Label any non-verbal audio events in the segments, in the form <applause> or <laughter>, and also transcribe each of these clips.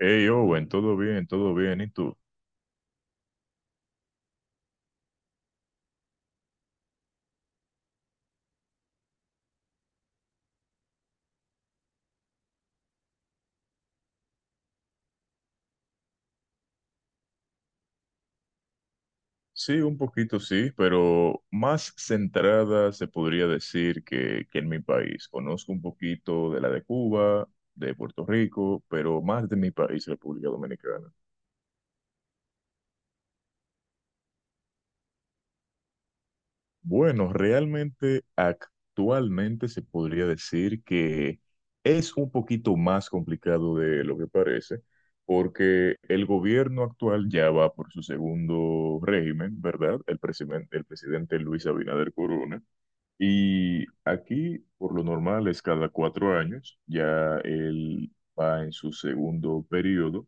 Hey Owen, todo bien, todo bien. ¿Y tú? Sí, un poquito sí, pero más centrada se podría decir que en mi país. Conozco un poquito de la de Cuba, de Puerto Rico, pero más de mi país, República Dominicana. Bueno, realmente actualmente se podría decir que es un poquito más complicado de lo que parece, porque el gobierno actual ya va por su segundo régimen, ¿verdad? El presidente Luis Abinader Corona. Y aquí, por lo normal, es cada cuatro años, ya él va en su segundo periodo.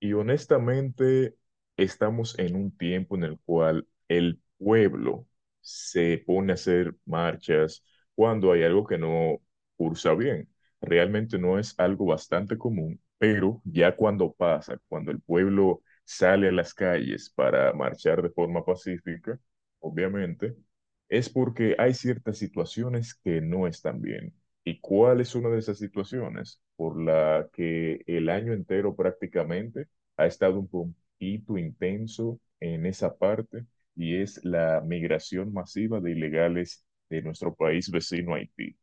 Y honestamente, estamos en un tiempo en el cual el pueblo se pone a hacer marchas cuando hay algo que no cursa bien. Realmente no es algo bastante común, pero ya cuando pasa, cuando el pueblo sale a las calles para marchar de forma pacífica, obviamente, es porque hay ciertas situaciones que no están bien. ¿Y cuál es una de esas situaciones por la que el año entero prácticamente ha estado un poquito intenso en esa parte y es la migración masiva de ilegales de nuestro país vecino Haití?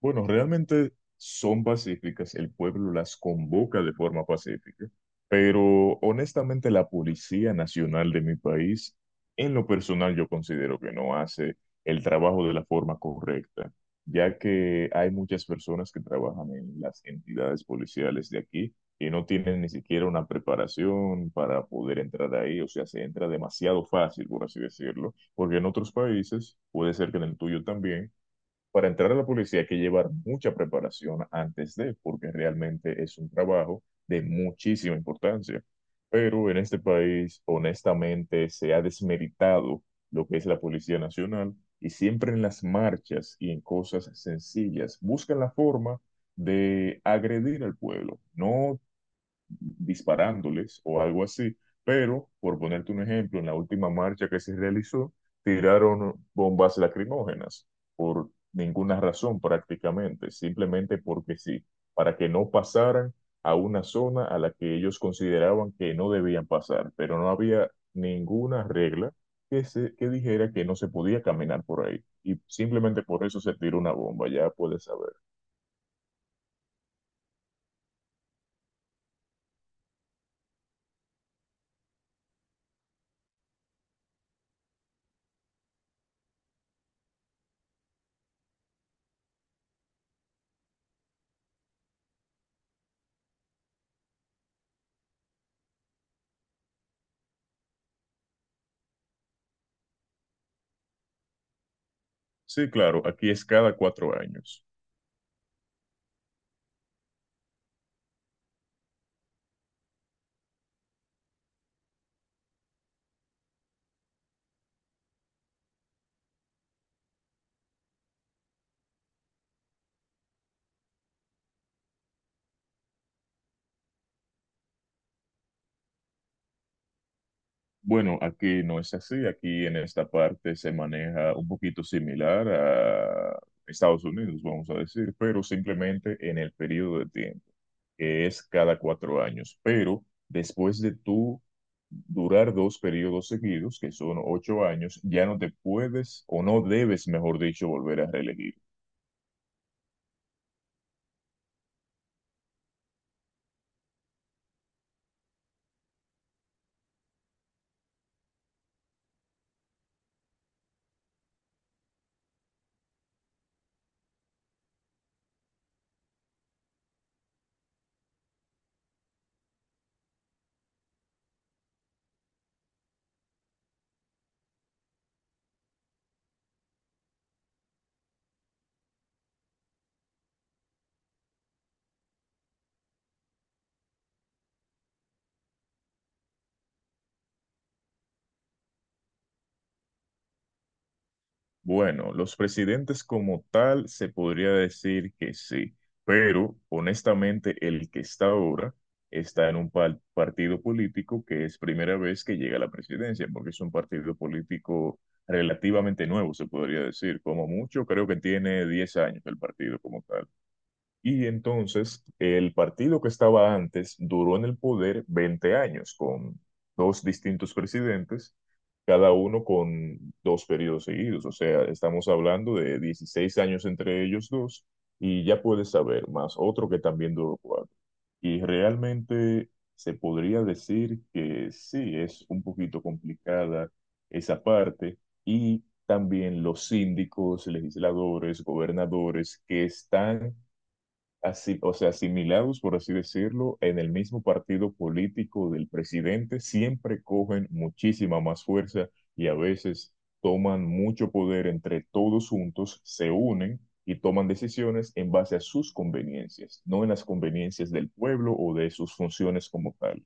Bueno, realmente son pacíficas, el pueblo las convoca de forma pacífica, pero honestamente la Policía Nacional de mi país, en lo personal yo considero que no hace el trabajo de la forma correcta, ya que hay muchas personas que trabajan en las entidades policiales de aquí y no tienen ni siquiera una preparación para poder entrar ahí, o sea, se entra demasiado fácil, por así decirlo, porque en otros países, puede ser que en el tuyo también, para entrar a la policía hay que llevar mucha preparación antes de, porque realmente es un trabajo de muchísima importancia. Pero en este país, honestamente, se ha desmeritado lo que es la Policía Nacional y siempre en las marchas y en cosas sencillas buscan la forma de agredir al pueblo. No disparándoles o algo así, pero por ponerte un ejemplo, en la última marcha que se realizó, tiraron bombas lacrimógenas por ninguna razón prácticamente, simplemente porque sí, para que no pasaran a una zona a la que ellos consideraban que no debían pasar, pero no había ninguna regla que, que dijera que no se podía caminar por ahí. Y simplemente por eso se tiró una bomba, ya puedes saber. Sí, claro, aquí es cada cuatro años. Bueno, aquí no es así. Aquí en esta parte se maneja un poquito similar a Estados Unidos, vamos a decir, pero simplemente en el periodo de tiempo, que es cada cuatro años. Pero después de tú durar dos periodos seguidos, que son ocho años, ya no te puedes o no debes, mejor dicho, volver a reelegir. Bueno, los presidentes como tal se podría decir que sí, pero honestamente el que está ahora está en un partido político que es primera vez que llega a la presidencia, porque es un partido político relativamente nuevo, se podría decir, como mucho, creo que tiene 10 años el partido como tal. Y entonces el partido que estaba antes duró en el poder 20 años con dos distintos presidentes, cada uno con dos periodos seguidos. O sea, estamos hablando de 16 años entre ellos dos y ya puedes saber, más otro que también duró cuatro. Y realmente se podría decir que sí, es un poquito complicada esa parte y también los síndicos, legisladores, gobernadores que están así, o sea, asimilados, por así decirlo, en el mismo partido político del presidente, siempre cogen muchísima más fuerza y a veces toman mucho poder entre todos juntos, se unen y toman decisiones en base a sus conveniencias, no en las conveniencias del pueblo o de sus funciones como tal.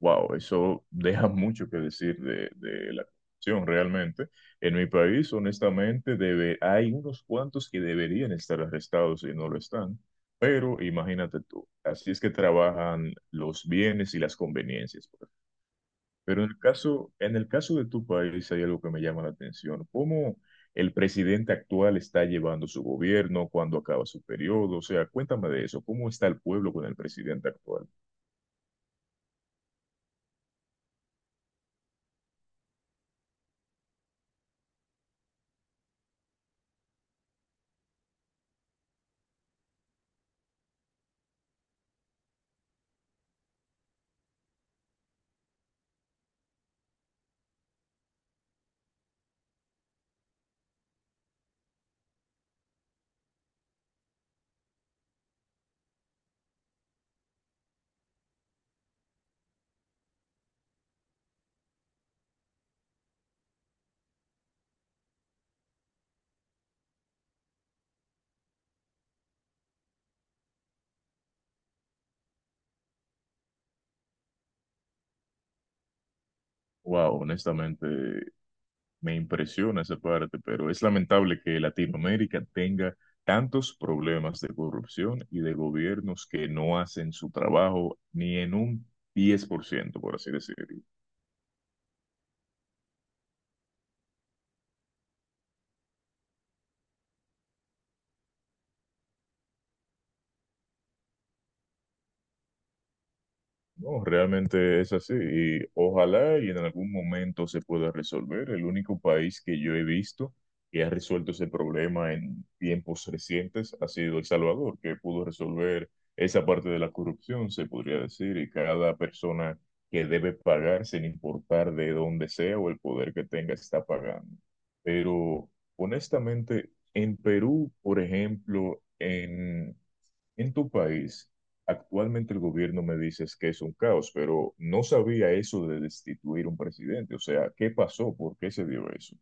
Wow, eso <laughs> deja mucho que decir de la corrupción realmente. En mi país, honestamente, debe, hay unos cuantos que deberían estar arrestados y no lo están, pero imagínate tú, así es que trabajan los bienes y las conveniencias, pues. Pero en el caso de tu país hay algo que me llama la atención, cómo el presidente actual está llevando su gobierno, cuándo acaba su periodo, o sea, cuéntame de eso, ¿cómo está el pueblo con el presidente actual? Wow, honestamente. Me impresiona esa parte, pero es lamentable que Latinoamérica tenga tantos problemas de corrupción y de gobiernos que no hacen su trabajo ni en un 10%, por ciento, por así decirlo. No, realmente es así y ojalá y en algún momento se pueda resolver. El único país que yo he visto que ha resuelto ese problema en tiempos recientes ha sido El Salvador, que pudo resolver esa parte de la corrupción, se podría decir, y cada persona que debe pagar, sin importar de dónde sea o el poder que tenga, está pagando. Pero honestamente, en Perú, por ejemplo, en tu país, actualmente el gobierno me dices que es un caos, pero no sabía eso de destituir un presidente. O sea, ¿qué pasó? ¿Por qué se dio eso?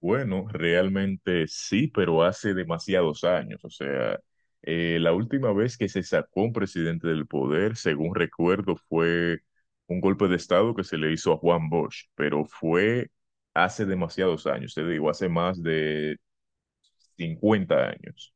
Bueno, realmente sí, pero hace demasiados años. O sea, la última vez que se sacó un presidente del poder, según recuerdo, fue un golpe de estado que se le hizo a Juan Bosch, pero fue hace demasiados años, te digo, hace más de 50 años.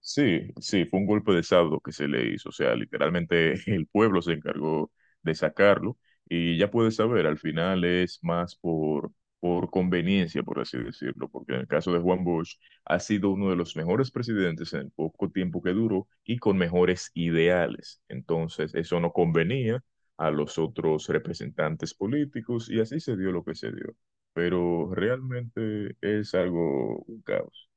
Sí, sí, fue un golpe de estado que se le hizo, o sea, literalmente <laughs> el pueblo se encargó de sacarlo y ya puedes saber, al final es más por conveniencia, por así decirlo, porque en el caso de Juan Bosch ha sido uno de los mejores presidentes en el poco tiempo que duró y con mejores ideales, entonces eso no convenía a los otros representantes políticos y así se dio lo que se dio, pero realmente es algo, un caos.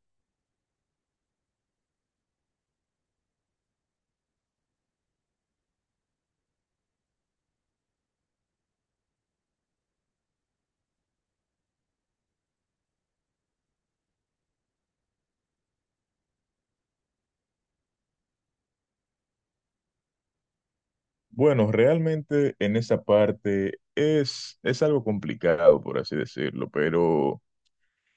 Bueno, realmente en esa parte es algo complicado, por así decirlo, pero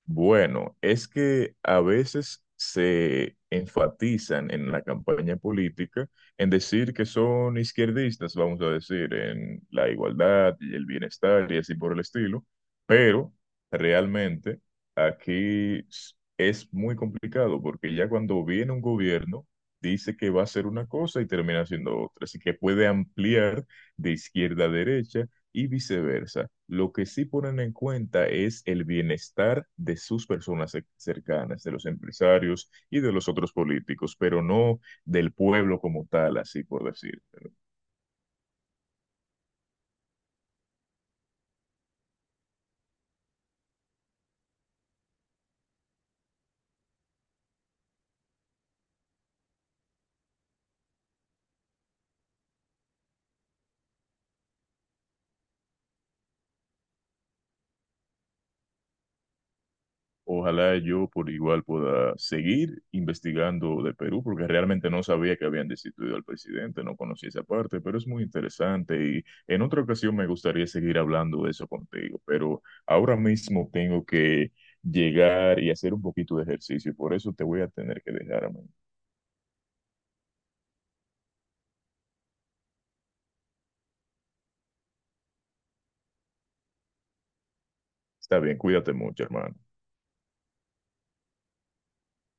bueno, es que a veces se enfatizan en la campaña política en decir que son izquierdistas, vamos a decir, en la igualdad y el bienestar y así por el estilo, pero realmente aquí es muy complicado porque ya cuando viene un gobierno dice que va a hacer una cosa y termina haciendo otra, así que puede ampliar de izquierda a derecha y viceversa. Lo que sí ponen en cuenta es el bienestar de sus personas cercanas, de los empresarios y de los otros políticos, pero no del pueblo como tal, así por decir. Ojalá yo por igual pueda seguir investigando de Perú, porque realmente no sabía que habían destituido al presidente, no conocía esa parte, pero es muy interesante y en otra ocasión me gustaría seguir hablando de eso contigo, pero ahora mismo tengo que llegar y hacer un poquito de ejercicio y por eso te voy a tener que dejar, amigo. Está bien, cuídate mucho, hermano.